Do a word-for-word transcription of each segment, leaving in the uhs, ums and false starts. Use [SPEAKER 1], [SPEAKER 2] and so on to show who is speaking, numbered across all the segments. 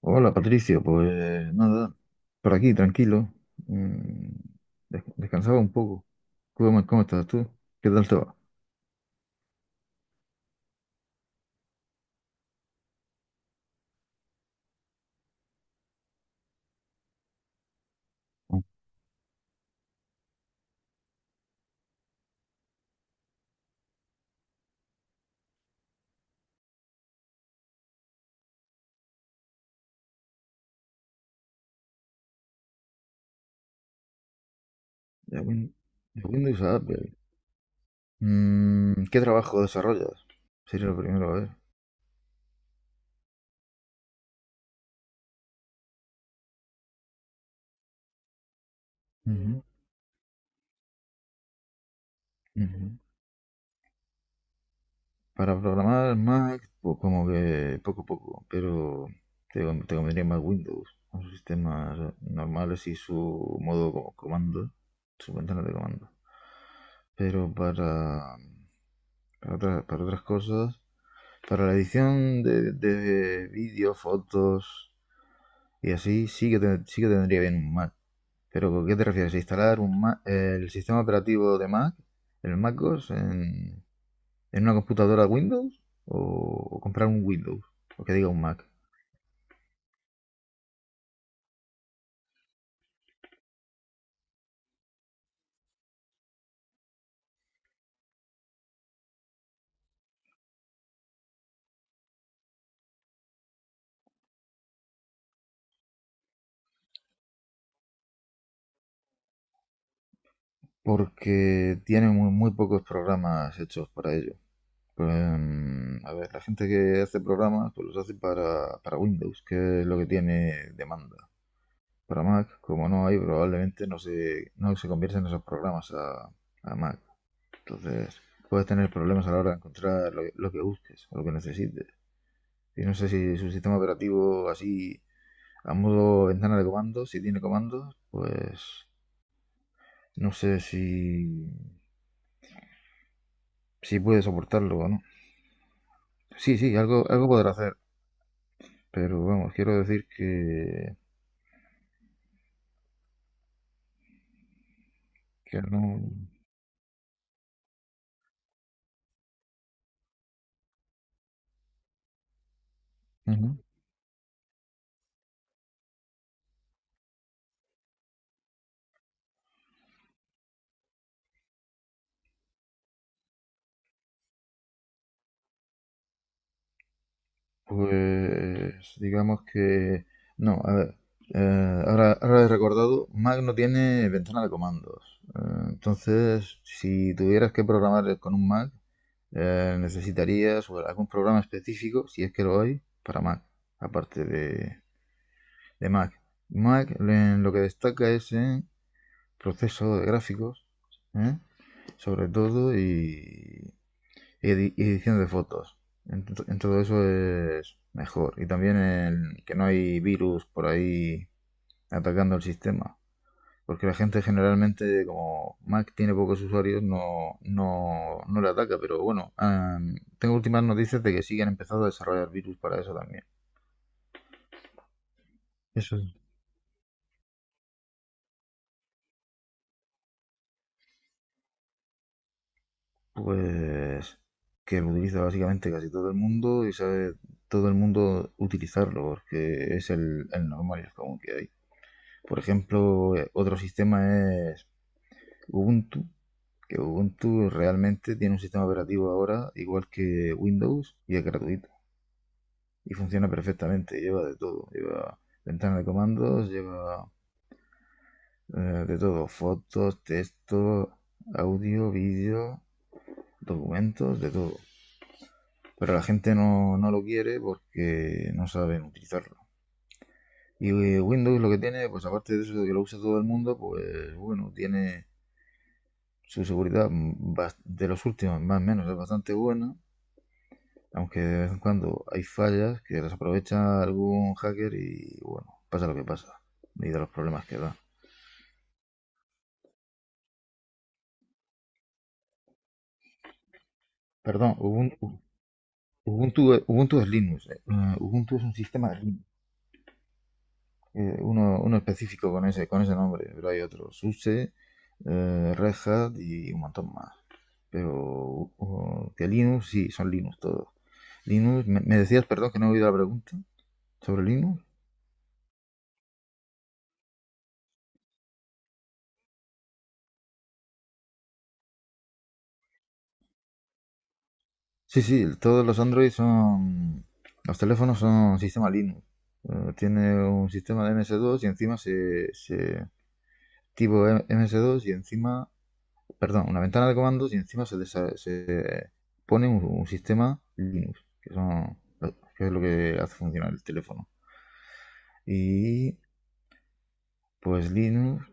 [SPEAKER 1] Hola Patricio, pues nada, por aquí tranquilo, mm, des- descansaba un poco. ¿Cómo, cómo estás tú? ¿Qué tal te va? De Win- de Windows a Apple. Mm, ¿qué trabajo desarrollas? Sería lo primero, a ver. Ujú, ujú. Para programar Mac, pues como que poco a poco, pero te, con- te convendría más Windows, con sus sistemas normales y su modo como comando, su ventana de comando. Pero para para, otra- para otras cosas. Para la edición de, de vídeos, fotos y así, sí que, te- sí que tendría bien un Mac. Pero ¿con ¿qué te refieres? ¿Instalar un Mac? ¿El sistema operativo de Mac, el MacOS, en, en una computadora Windows? ¿O, o comprar un Windows? O que diga un Mac. Porque tiene muy, muy pocos programas hechos para ello. Pues, mm, a ver, la gente que hace programas, pues los hace para, para Windows, que es lo que tiene demanda. Para Mac, como no hay, probablemente no se, no se convierten esos programas a, a Mac. Entonces, puedes tener problemas a la hora de encontrar lo, lo que busques o lo que necesites. Y no sé si su sistema operativo así, a modo ventana de comandos, si tiene comandos, pues no sé si, si puede soportarlo o no. Sí, sí, algo, algo podrá hacer, pero vamos, quiero decir que, que no. Ujú. Pues digamos que. No, a ver. eh, ahora, ahora he recordado, Mac no tiene ventana de comandos. Eh, entonces, si tuvieras que programar con un Mac, eh, necesitarías o algún programa específico, si es que lo hay, para Mac, aparte de, de Mac. Mac en lo que destaca es en proceso de gráficos, ¿eh? Sobre todo, y edi- edición de fotos. En, to- en todo eso es mejor. Y también el que no hay virus por ahí atacando el sistema. Porque la gente generalmente, como Mac tiene pocos usuarios, no, no, no le ataca. Pero bueno, ah, tengo últimas noticias de que sí que han empezado a desarrollar virus para eso también. Eso es. Pues que lo utiliza básicamente casi todo el mundo y sabe todo el mundo utilizarlo porque es el, el normal y el común que hay. Por ejemplo, eh, otro sistema es Ubuntu, que Ubuntu realmente tiene un sistema operativo ahora igual que Windows y es gratuito. Y funciona perfectamente, lleva de todo. Lleva ventana de comandos, lleva eh, de todo. Fotos, texto, audio, vídeo, documentos, de todo. Pero la gente no, no lo quiere porque no saben utilizarlo. Y eh, Windows lo que tiene, pues aparte de eso de que lo usa todo el mundo, pues bueno, tiene su seguridad de los últimos, más o menos, es bastante buena. Aunque de vez en cuando hay fallas que las aprovecha algún hacker y bueno, pasa lo que pasa. Y de los problemas que da. Perdón, Ubuntu, Ubuntu, Ubuntu es Linux. eh. Eh, Ubuntu es un sistema de Linux. Eh, uno, uno específico con ese, con ese nombre, pero hay otros. SUSE, eh, Red Hat y un montón más. Pero uh, que Linux, sí, son Linux todos. Linux, me, me decías, perdón, que no he oído la pregunta sobre Linux. Sí, sí, todos los Android son. Los teléfonos son sistema Linux. Eh, tiene un sistema de M S dos y encima se... se tipo M- MS2 y encima. Perdón, una ventana de comandos y encima se, desa- se pone un, un sistema Linux, que, son, que es lo que hace funcionar el teléfono. Y pues Linux,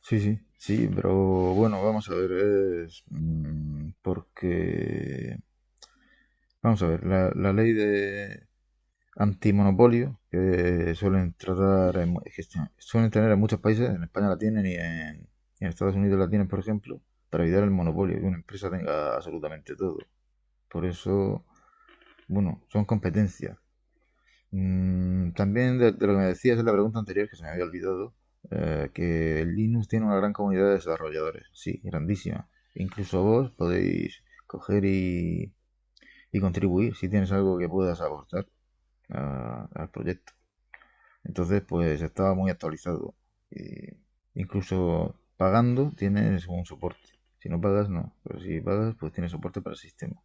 [SPEAKER 1] sí, sí, sí, pero bueno, vamos a ver, es mm, porque, vamos a ver, la, la ley de antimonopolio que suelen tratar en, que suelen tener en muchos países, en España la tienen y en, y en Estados Unidos la tienen, por ejemplo, para evitar el monopolio, que una empresa tenga absolutamente todo. Por eso, bueno, son competencias. Mm, también de, de, lo que me decías en la pregunta anterior, que se me había olvidado, eh, que Linux tiene una gran comunidad de desarrolladores, sí, grandísima. Incluso vos podéis coger y, y contribuir si tienes algo que puedas aportar a, al proyecto. Entonces, pues estaba muy actualizado. Eh, incluso pagando tienes un soporte. Si no pagas, no. Pero si pagas, pues tiene soporte para el sistema.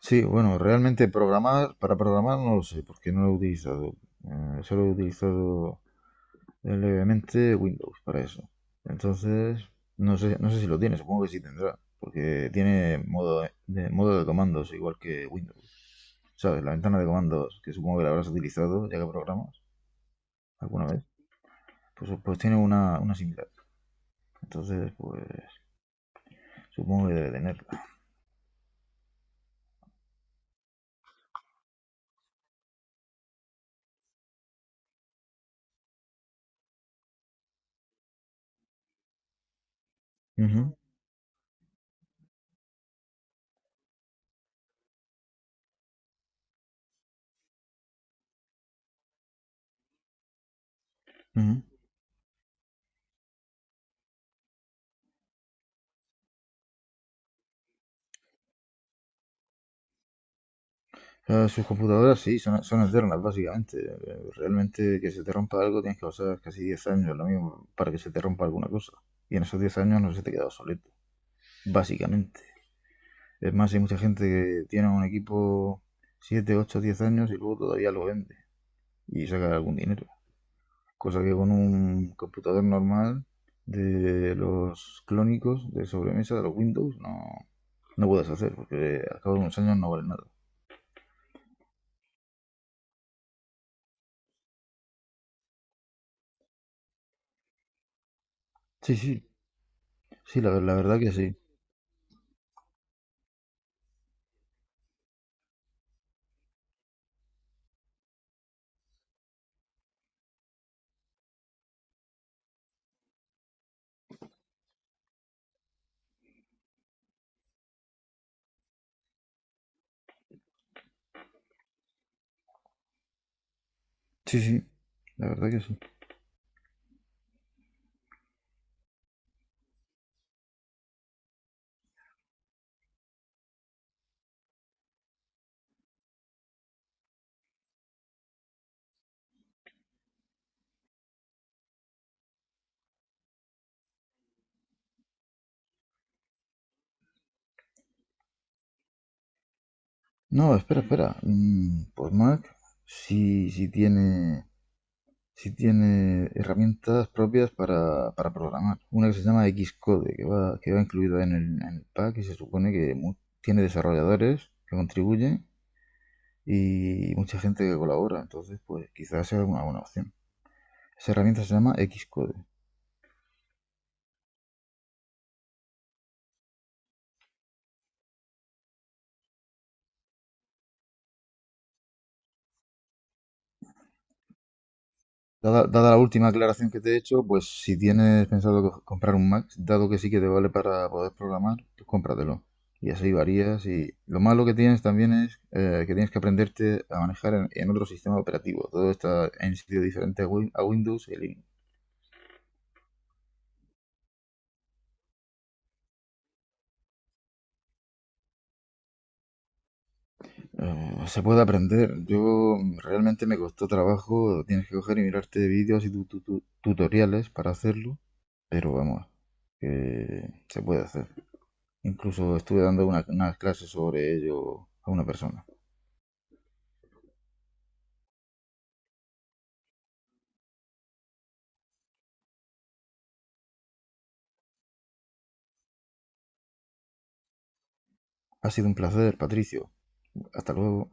[SPEAKER 1] Sí, bueno, realmente programar, para programar no lo sé, porque no lo he utilizado. Eh, solo he utilizado levemente Windows para eso. Entonces, no sé, no sé si lo tiene, supongo que sí tendrá. Porque tiene modo de, modo de comandos, igual que Windows. ¿Sabes? La ventana de comandos, que supongo que la habrás utilizado ya que programas alguna vez. pues, pues tiene una, una similar. Entonces, pues supongo que debe tenerla. Ujú, ujú. Eh, sus computadoras sí, son, son eternas básicamente. Eh, Realmente que se te rompa algo tienes que pasar casi diez años, lo mismo, para que se te rompa alguna cosa. Y en esos diez años no se te queda obsoleto, básicamente. Es más, hay mucha gente que tiene un equipo siete ocho diez años y luego todavía lo vende y saca algún dinero. Cosa que con un computador normal de los clónicos de sobremesa, de los Windows, no, No puedes hacer, porque al cabo de unos años no vale nada. Sí, sí, sí, la, la verdad que sí. Sí, sí, la verdad que sí. No, espera, espera. Mm, pues Mac sí, sí tiene, sí tiene herramientas propias para, para programar. Una que se llama Xcode, que va, que va incluida en el, en el pack y se supone que mu- tiene desarrolladores que contribuyen y mucha gente que colabora. Entonces, pues quizás sea una buena opción. Esa herramienta se llama Xcode. Dada, dada la última aclaración que te he hecho, pues si tienes pensado co- comprar un Mac, dado que sí que te vale para poder programar, pues cómpratelo. Y así varías. Y lo malo que tienes también es eh, que tienes que aprenderte a manejar en, en otro sistema operativo. Todo está en sitio diferente a, Win- a Windows y Linux. Eh, se puede aprender. Yo mm, realmente me costó trabajo. Tienes que coger y mirarte vídeos y tu- tu- tu- tutoriales para hacerlo. Pero vamos, que se puede hacer. Incluso estuve dando una, unas clases sobre ello a una persona. Ha sido un placer, Patricio. Hasta luego.